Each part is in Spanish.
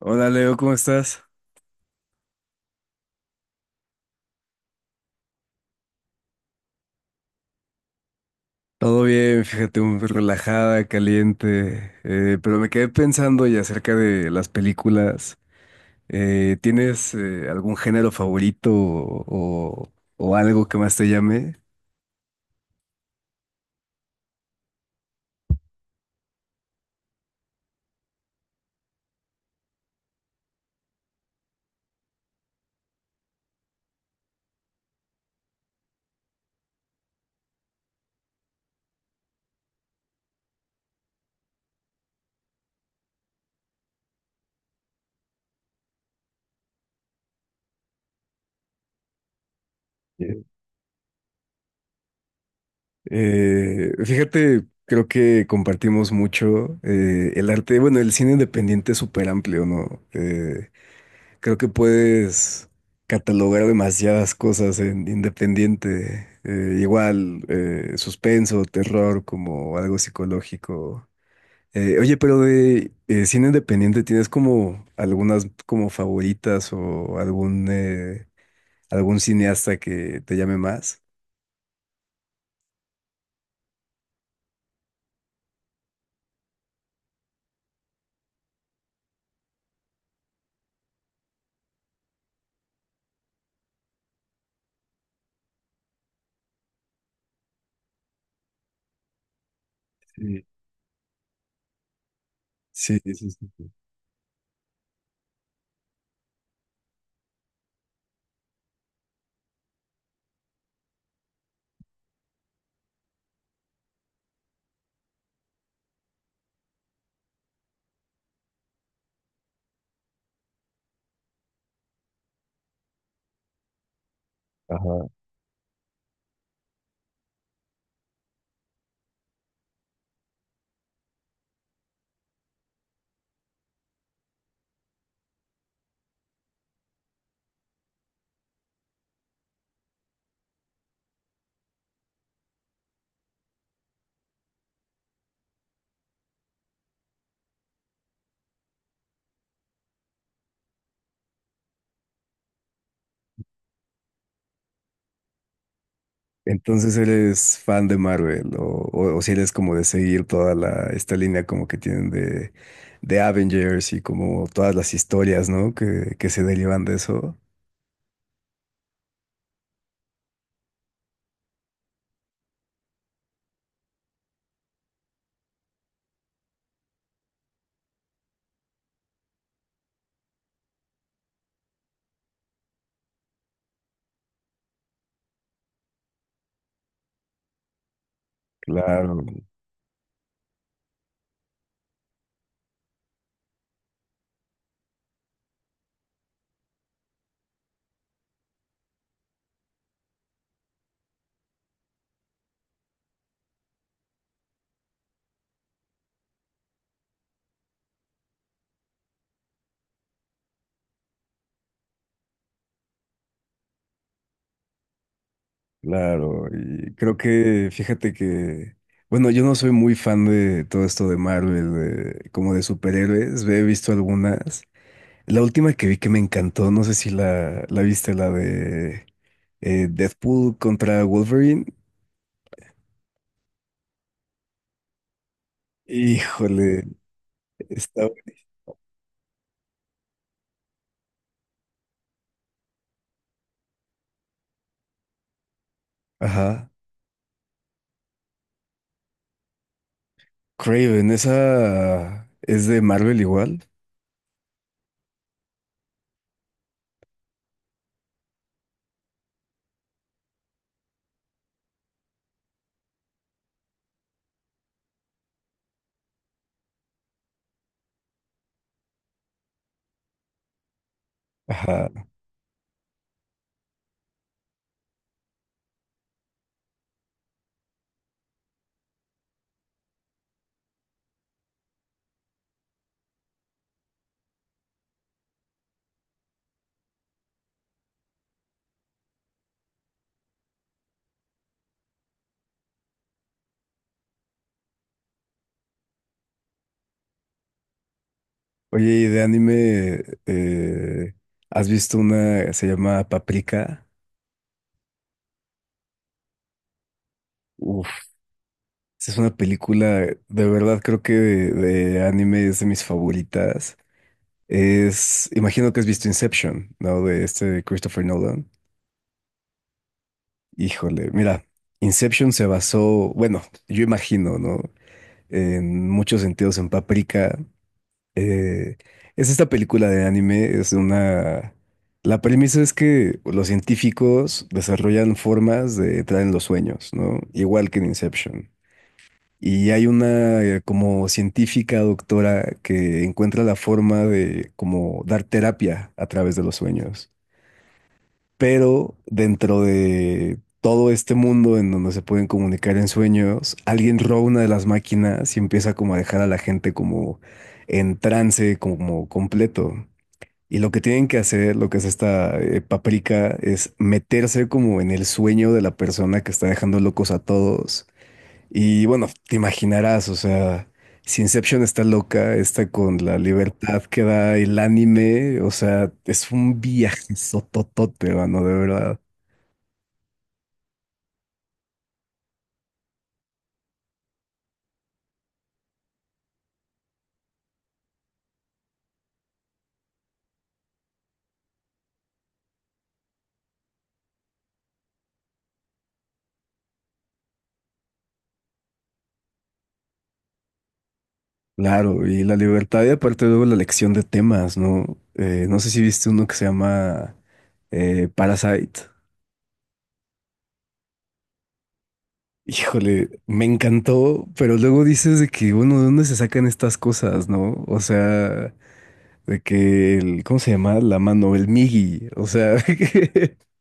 Hola Leo, ¿cómo estás? Todo bien, fíjate, muy relajada, caliente, pero me quedé pensando y acerca de las películas. ¿Tienes algún género favorito o algo que más te llame? Sí. Fíjate, creo que compartimos mucho el arte, bueno, el cine independiente es súper amplio, ¿no? Creo que puedes catalogar demasiadas cosas en independiente. Igual, suspenso, terror, como algo psicológico. Oye, pero de cine independiente, ¿tienes como algunas como favoritas o algún, algún cineasta que te llame más? Sí, sí, sí, sí, sí. Ajá. Entonces, ¿eres fan de Marvel o si eres como de seguir toda la, esta línea como que tienen de Avengers y como todas las historias, ¿no? Que se derivan de eso. Claro, claro. Y creo que, fíjate que, bueno, yo no soy muy fan de todo esto de Marvel, de- como de superhéroes. He visto algunas. La última que vi que me encantó, no sé si la, la viste, la de Deadpool contra Wolverine. Híjole. Está. Ajá. Craven, esa es de Marvel igual. Ajá. Oye, y de anime, ¿has visto una, se llama Paprika? Uf, esa es una película, de verdad creo que de anime es de mis favoritas. Es, imagino que has visto Inception, ¿no? De este Christopher Nolan. Híjole, mira, Inception se basó, bueno, yo imagino, ¿no? En muchos sentidos en Paprika. Eh, es esta película de anime, es una... La premisa es que los científicos desarrollan formas de entrar en los sueños, ¿no? Igual que en Inception. Y hay una como científica doctora que encuentra la forma de como dar terapia a través de los sueños, pero dentro de todo este mundo en donde se pueden comunicar en sueños, alguien roba una de las máquinas y empieza como a dejar a la gente como en trance, como completo. Y lo que tienen que hacer, lo que es esta paprika, es meterse como en el sueño de la persona que está dejando locos a todos. Y bueno, te imaginarás, o sea, si Inception está loca, está con la libertad que da el anime, o sea, es un viaje sototote, mano, de verdad. Claro, y la libertad y aparte luego la elección de temas, ¿no? No sé si viste uno que se llama Parasite. Híjole, me encantó, pero luego dices de que, bueno, ¿de dónde se sacan estas cosas, no? O sea, de que el, ¿cómo se llama? La mano, el Migi, o sea,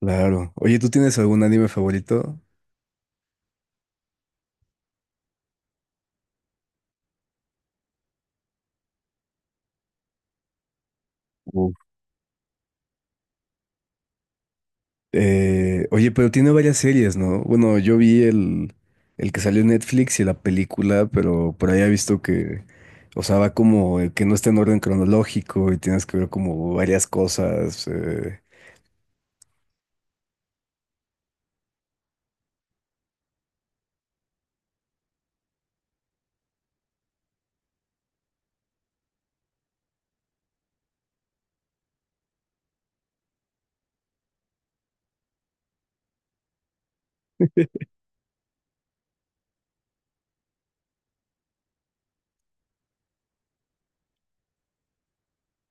Claro. Oye, ¿tú tienes algún anime favorito? Uf. Oye, pero tiene varias series, ¿no? Bueno, yo vi el que salió en Netflix y la película, pero por ahí he visto que, o sea, va como que no está en orden cronológico y tienes que ver como varias cosas.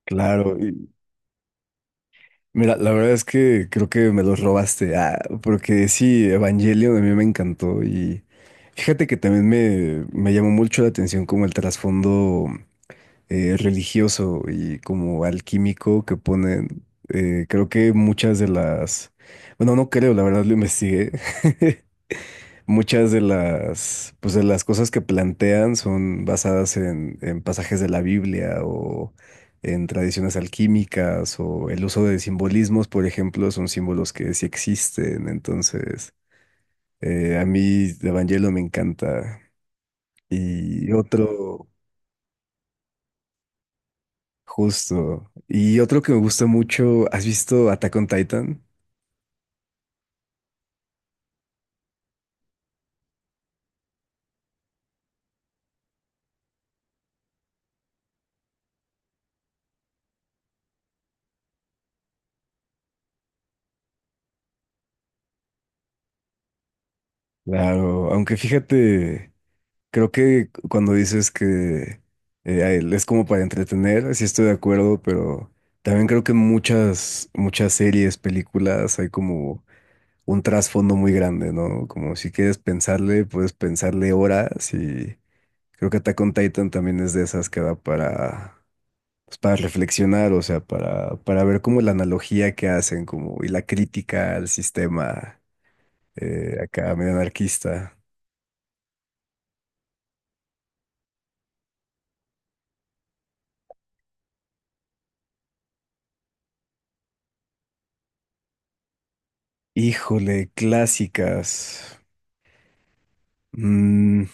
Claro. Y mira, la verdad es que creo que me los robaste. Ah, porque sí, Evangelion a mí me encantó y fíjate que también me llamó mucho la atención como el trasfondo. Religioso y como alquímico que ponen, creo que muchas de las, bueno, no creo, la verdad lo investigué, muchas de las, pues de las cosas que plantean son basadas en pasajes de la Biblia o en tradiciones alquímicas o el uso de simbolismos, por ejemplo, son símbolos que sí existen, entonces a mí Evangelio me encanta. Y otro, justo. Y otro que me gusta mucho, ¿has visto Attack on Titan? Claro, aunque fíjate, creo que cuando dices que a él es como para entretener, sí estoy de acuerdo, pero también creo que en muchas, muchas series, películas, hay como un trasfondo muy grande, ¿no? Como si quieres pensarle, puedes pensarle horas y creo que Attack on Titan también es de esas que da para, pues, para reflexionar, o sea, para ver cómo la analogía que hacen como, y la crítica al sistema acá medio anarquista. Híjole, clásicas. Mm,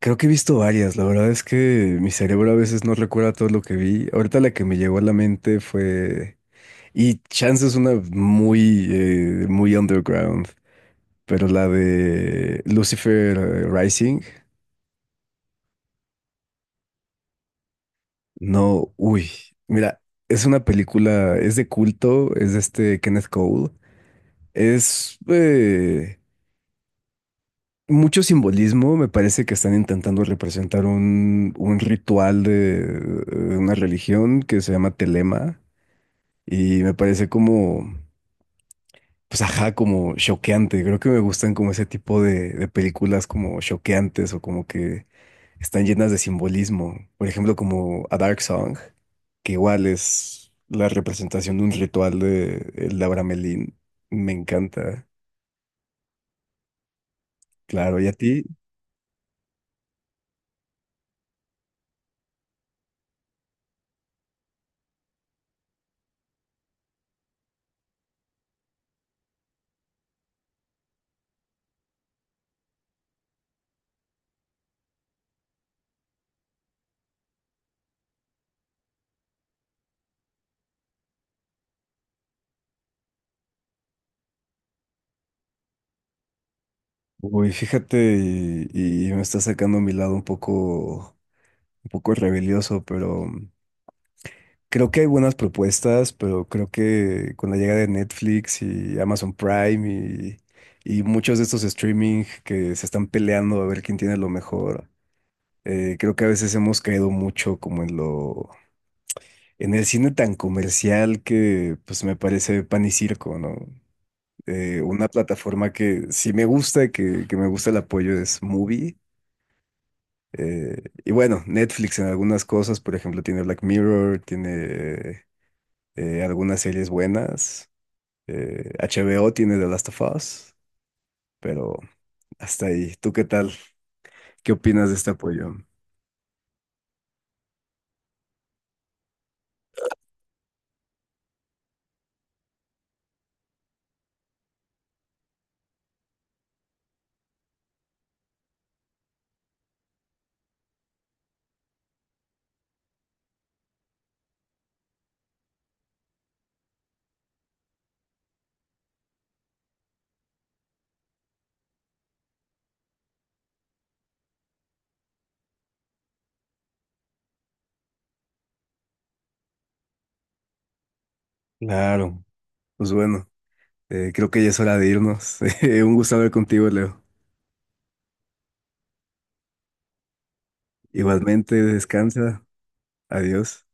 creo que he visto varias, la verdad es que mi cerebro a veces no recuerda todo lo que vi. Ahorita la que me llegó a la mente fue, y chance es una muy, muy underground, pero la de Lucifer Rising. No, uy, mira, es una película, es de culto, es de este Kenneth Cole, es mucho simbolismo, me parece que están intentando representar un ritual de una religión que se llama Telema y me parece como, pues ajá, como choqueante, creo que me gustan como ese tipo de películas como choqueantes o como que están llenas de simbolismo. Por ejemplo, como A Dark Song, que igual es la representación de un ritual de el Abramelín. Me encanta. Claro, ¿y a ti? Uy, fíjate, y me está sacando mi lado un poco rebelioso, pero creo que hay buenas propuestas, pero creo que con la llegada de Netflix y Amazon Prime y muchos de estos streaming que se están peleando a ver quién tiene lo mejor. Creo que a veces hemos caído mucho como en lo, en el cine tan comercial que pues me parece pan y circo, ¿no? Una plataforma que sí me gusta, que me gusta el apoyo es Movie. Y bueno, Netflix en algunas cosas, por ejemplo, tiene Black Mirror, tiene algunas series buenas. HBO tiene The Last of Us, pero hasta ahí. ¿Tú qué tal? ¿Qué opinas de este apoyo? Claro, pues bueno. Creo que ya es hora de irnos. Un gusto hablar contigo, Leo. Igualmente, descansa. Adiós.